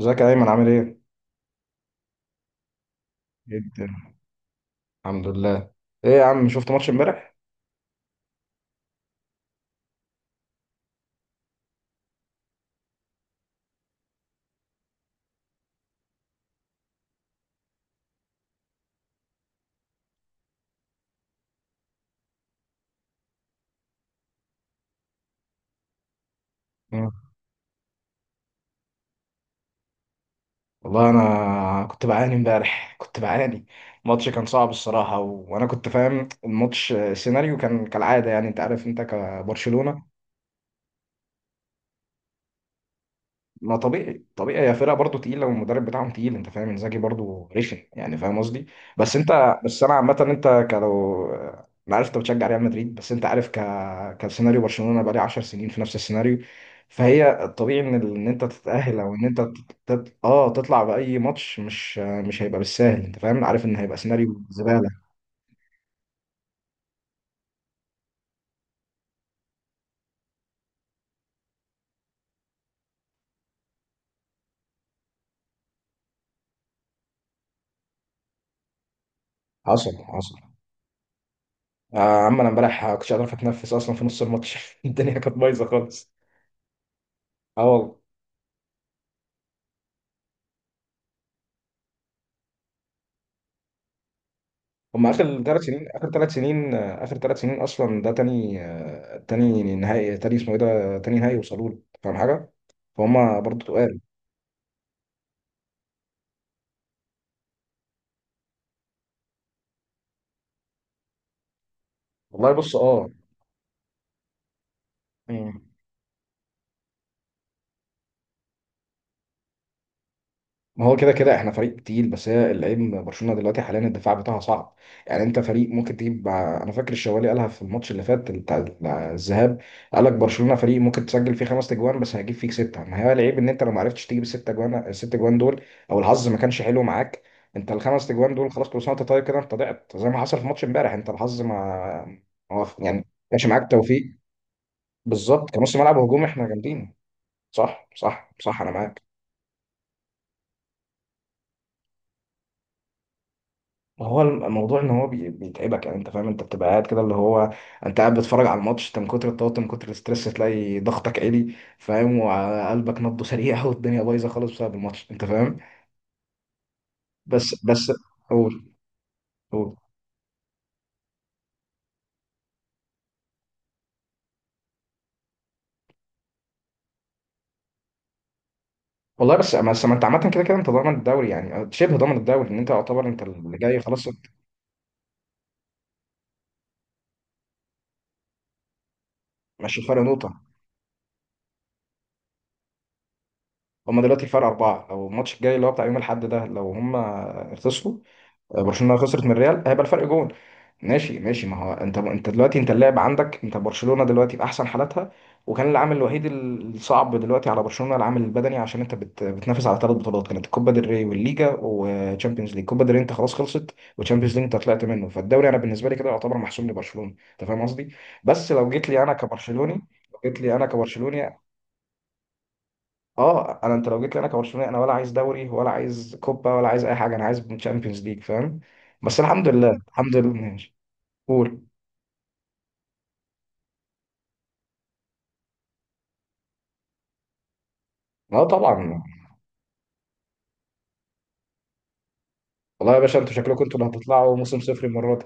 ازيك يا ايمن عامل ايه؟ جدا، الحمد لله. ايه يا عم شفت ماتش امبارح؟ آه. والله انا كنت بعاني امبارح، كنت بعاني. الماتش كان صعب الصراحه، و... وانا كنت فاهم الماتش، سيناريو كان كالعاده، يعني انت عارف انت كبرشلونه. ما طبيعي طبيعي، هي فرقه برضه تقيله والمدرب بتاعهم تقيل، انت فاهم، انزاجي برضه رخم، يعني فاهم قصدي. بس انت، بس انا عامه انت كلو. انا عارف انت بتشجع ريال مدريد، بس انت عارف، كسيناريو برشلونه بقالي 10 سنين في نفس السيناريو. فهي الطبيعي ان ان انت تتاهل، او ان انت تطلع باي ماتش، مش هيبقى بالسهل، انت فاهم، عارف ان هيبقى سيناريو زباله. حصل حصل. يا عم انا امبارح كنتش قادر اتنفس اصلا في نص الماتش الدنيا كانت بايظه خالص. اه والله. هم اخر 3 سنين، اخر 3 سنين، اخر ثلاث سنين اصلا، ده تاني، تاني نهائي، تاني اسمه ايه، ده تاني نهائي وصلوا له، فاهم حاجه؟ فهم برضه تقال. والله، بص، اه. مم. ما هو كده كده احنا فريق تقيل، بس هي العيب من برشلونه دلوقتي حاليا الدفاع بتاعها صعب. يعني انت فريق ممكن تجيب، انا فاكر الشوالي قالها في الماتش اللي فات بتاع الذهاب. قال لك برشلونه فريق ممكن تسجل فيه خمس اجوان بس هيجيب فيك سته. ما هي العيب ان انت لو ما عرفتش تجيب الست اجوان، الست اجوان دول، او الحظ ما كانش حلو معاك، انت الخمس اجوان دول خلاص، كل سنه وانت طيب كده، انت ضعت زي ما حصل في ماتش امبارح، انت الحظ ما ما وف- يعني ما كانش معاك توفيق. بالظبط كنص ملعب هجوم احنا جامدين. صح صح صح، انا معاك. ما هو الموضوع ان هو بيتعبك، يعني انت فاهم، انت بتبقى قاعد كده، اللي هو انت قاعد بتتفرج على الماتش، انت من كتر التوتر من كتر الاسترس تلاقي ضغطك عالي، فاهم، وقلبك نبضه سريع، والدنيا بايظه خالص بسبب الماتش، انت فاهم. بس. قول. قول. والله، بس ما انت عامه كده كده انت ضامن الدوري، يعني شبه ضامن الدوري، ان انت يعتبر انت اللي جاي خلاص انت. ماشي، فرق نقطه. هما دلوقتي فرق اربعه، لو الماتش الجاي اللي هو بتاع يوم الاحد ده، لو هما خسروا، برشلونه خسرت من الريال، هيبقى الفرق جون. ماشي ماشي، ما هو انت دلوقتي انت اللاعب عندك، انت برشلونة دلوقتي في احسن حالاتها. وكان العامل الوحيد الصعب دلوقتي على برشلونة العامل البدني، عشان انت بتنافس على ثلاث بطولات، كانت الكوبا ديل ري والليجا وتشامبيونز ليج. كوبا ديل ري انت خلاص خلصت، وتشامبيونز ليج انت طلعت منه، فالدوري انا بالنسبة لي كده يعتبر محسوم لبرشلونة، انت فاهم قصدي. بس لو جيت لي انا كبرشلوني، لو جيت لي انا كبرشلوني، اه انا، لو جيت لي انا كبرشلوني انا ولا عايز دوري ولا عايز كوبا ولا عايز اي حاجة، انا عايز تشامبيونز ليج، فاهم. بس الحمد لله، الحمد لله، ماشي. قول. اه طبعا. والله يا باشا، انتوا شكلكم انتوا اللي هتطلعوا موسم صفر المرة دي.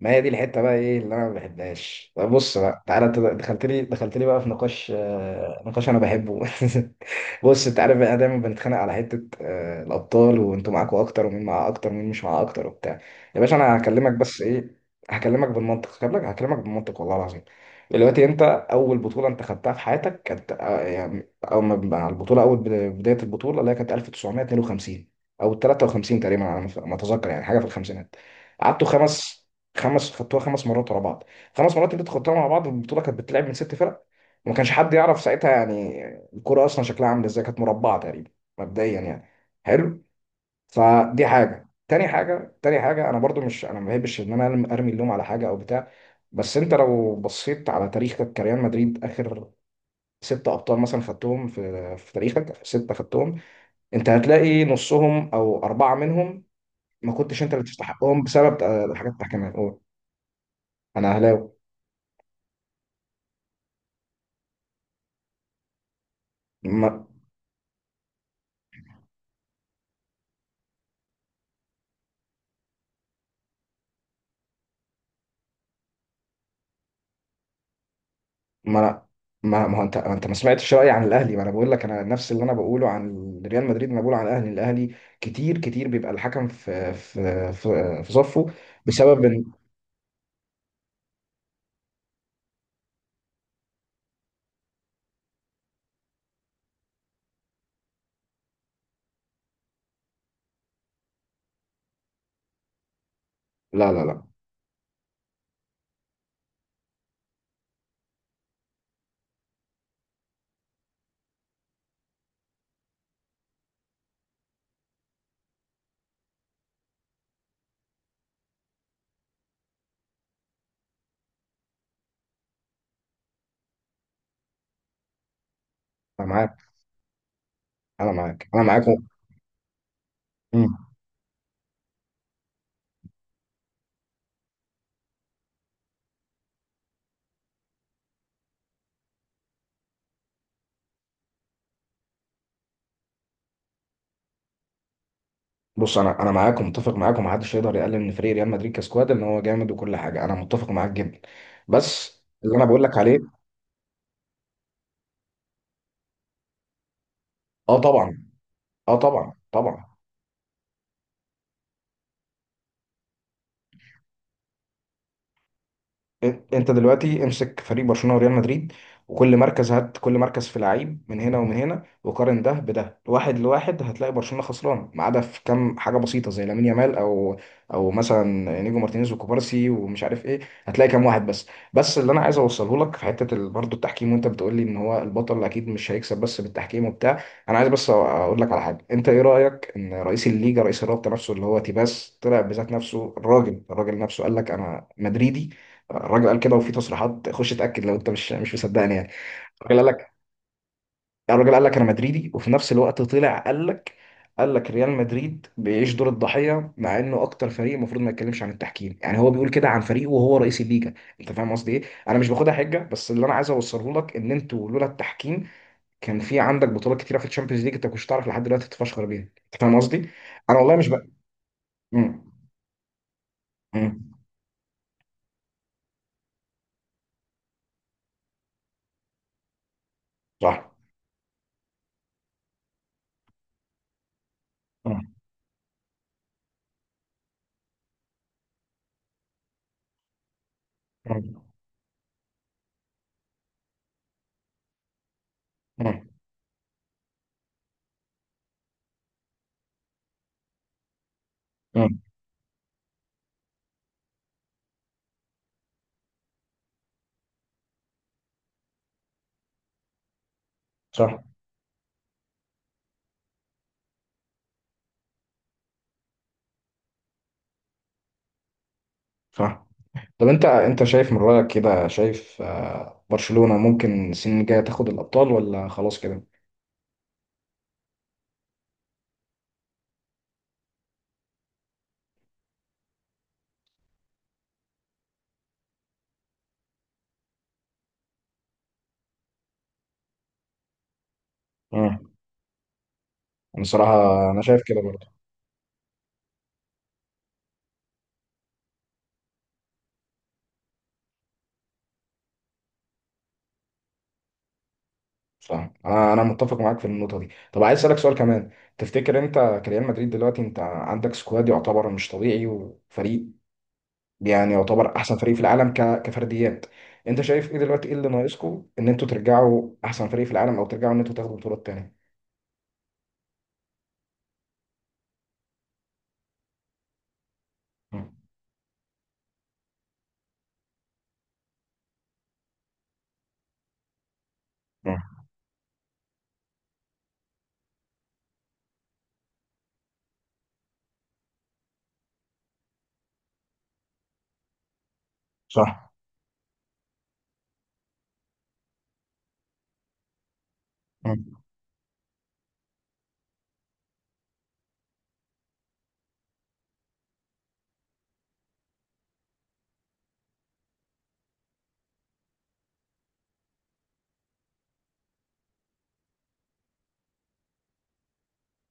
ما هي دي الحته بقى، ايه اللي انا ما بحبهاش، طب بص بقى، تعالى، انت دخلت لي بقى في نقاش، نقاش انا بحبه بص انت عارف بقى، دايما بنتخانق على حته، الابطال، وانتوا معاكوا اكتر ومين معاه اكتر ومين مش معاه اكتر وبتاع. يا باشا انا هكلمك بس ايه، هكلمك بالمنطق، هكلمك بالمنطق والله العظيم. دلوقتي انت، اول بطوله انت خدتها في حياتك كانت، يعني اول ما بقى على البطوله، اول بدايه البطوله اللي هي كانت 1952 او 53 تقريبا، على ما اتذكر، يعني حاجه في الخمسينات. قعدتوا خمس، خدتوها خمس مرات ورا بعض، خمس مرات اللي انت خدتوها مع بعض، البطوله كانت بتلعب من ست فرق، وما كانش حد يعرف ساعتها، يعني الكوره اصلا شكلها عامل ازاي، كانت مربعه تقريبا مبدئيا يعني. حلو. فدي حاجه، تاني حاجه، تاني حاجه، انا برضو مش، انا ما بحبش ان انا ارمي اللوم على حاجه او بتاع. بس انت لو بصيت على تاريخك كريال مدريد، اخر ست ابطال مثلا خدتهم في تاريخك، آخر ستة خدتهم، انت هتلاقي نصهم او اربعة منهم ما كنتش انت اللي تستحقهم، بسبب حاجات تحكيمية، انا اهلاوي. ما ما أنا ما ما هو انت ما انت ما سمعتش رايي عن الاهلي، ما انا بقول لك، انا نفس اللي انا بقوله عن ريال مدريد انا بقوله عن الاهلي. كتير كتير بيبقى الحكم في صفه، بسبب ان. لا، لا، لا، انا معاك، انا معاك، انا معاك. مم. بص، انا معاك ومتفق معاك، ومحدش يقدر يقلل من فريق ريال مدريد كسكواد، ان هو جامد وكل حاجه، انا متفق معاك جدا، بس اللي انا بقول لك عليه. اه طبعا. اه طبعا طبعا. انت دلوقتي امسك فريق برشلونه وريال مدريد وكل مركز، هات كل مركز في لعيب من هنا ومن هنا وقارن ده بده، واحد لواحد، هتلاقي برشلونه خسران ما عدا في كام حاجه بسيطه زي لامين يامال او مثلا نيجو مارتينيز وكوبارسي ومش عارف ايه، هتلاقي كام واحد بس. بس اللي انا عايز اوصله لك في حته برضه التحكيم، وانت بتقول لي ان هو البطل اكيد مش هيكسب بس بالتحكيم وبتاع. انا عايز بس اقول لك على حاجه، انت ايه رايك ان رئيس الليجا، رئيس الرابطه نفسه اللي هو تيباس، طلع بذات نفسه الراجل، نفسه قال لك انا مدريدي. الراجل قال كده، وفي تصريحات، خش اتاكد لو انت مش مصدقني يعني. الراجل قال لك الراجل قال لك انا مدريدي، وفي نفس الوقت طلع قال لك ريال مدريد بيعيش دور الضحيه، مع انه اكتر فريق المفروض ما يتكلمش عن التحكيم، يعني هو بيقول كده عن فريقه وهو رئيس الليجا. انت فاهم قصدي ايه. انا مش باخدها حجه، بس اللي انا عايز اوصله لك ان انتوا لولا التحكيم كان في عندك بطولات كتيره في الشامبيونز ليج، انت كنتش تعرف لحد دلوقتي تتفشخر بيها، انت فاهم قصدي. انا والله مش بقى. صح. مم. مم. مم. مم. صح صح. طب، انت شايف من رأيك كده، شايف برشلونة ممكن السنين الجاية تاخد الأبطال ولا خلاص كده؟ مم. انا صراحة انا شايف كده برضه. صح. انا متفق معاك في النقطة دي. طب عايز أسألك سؤال كمان، تفتكر انت كريال مدريد دلوقتي انت عندك سكواد يعتبر مش طبيعي، وفريق يعني يعتبر احسن فريق في العالم كفرديات، انت شايف ايه دلوقتي، ايه اللي ناقصكم ان انتوا ترجعوا احسن فريق في العالم او ترجعوا ان انتوا تاخدوا بطولات تانية. مم. مم. صح.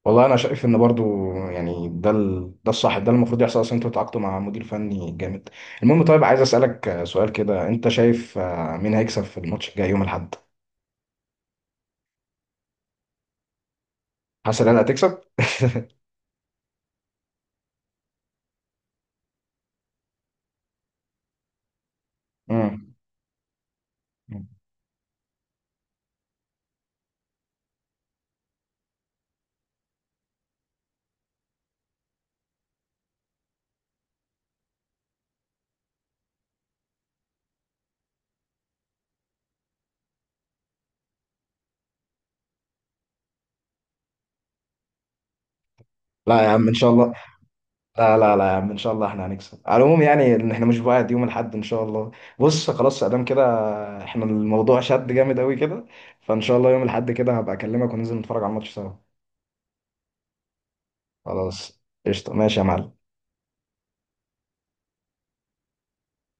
والله انا شايف ان برضو يعني ده الصح، ده المفروض يحصل، اصلا انتوا تعاقدتوا مع مدير فني جامد. المهم طيب، عايز اسالك سؤال كده، انت شايف مين هيكسب في الماتش الجاي يوم الاحد؟ حاسس ان انا هتكسب. امم لا يا عم ان شاء الله. لا، لا، لا، يا عم ان شاء الله احنا هنكسب على العموم، يعني ان احنا مش، بعد يوم الاحد ان شاء الله. بص، خلاص ادام كده، احنا الموضوع شد جامد قوي كده، فان شاء الله يوم الاحد كده هبقى اكلمك وننزل نتفرج على الماتش سوا. خلاص قشطه، ماشي يا معلم.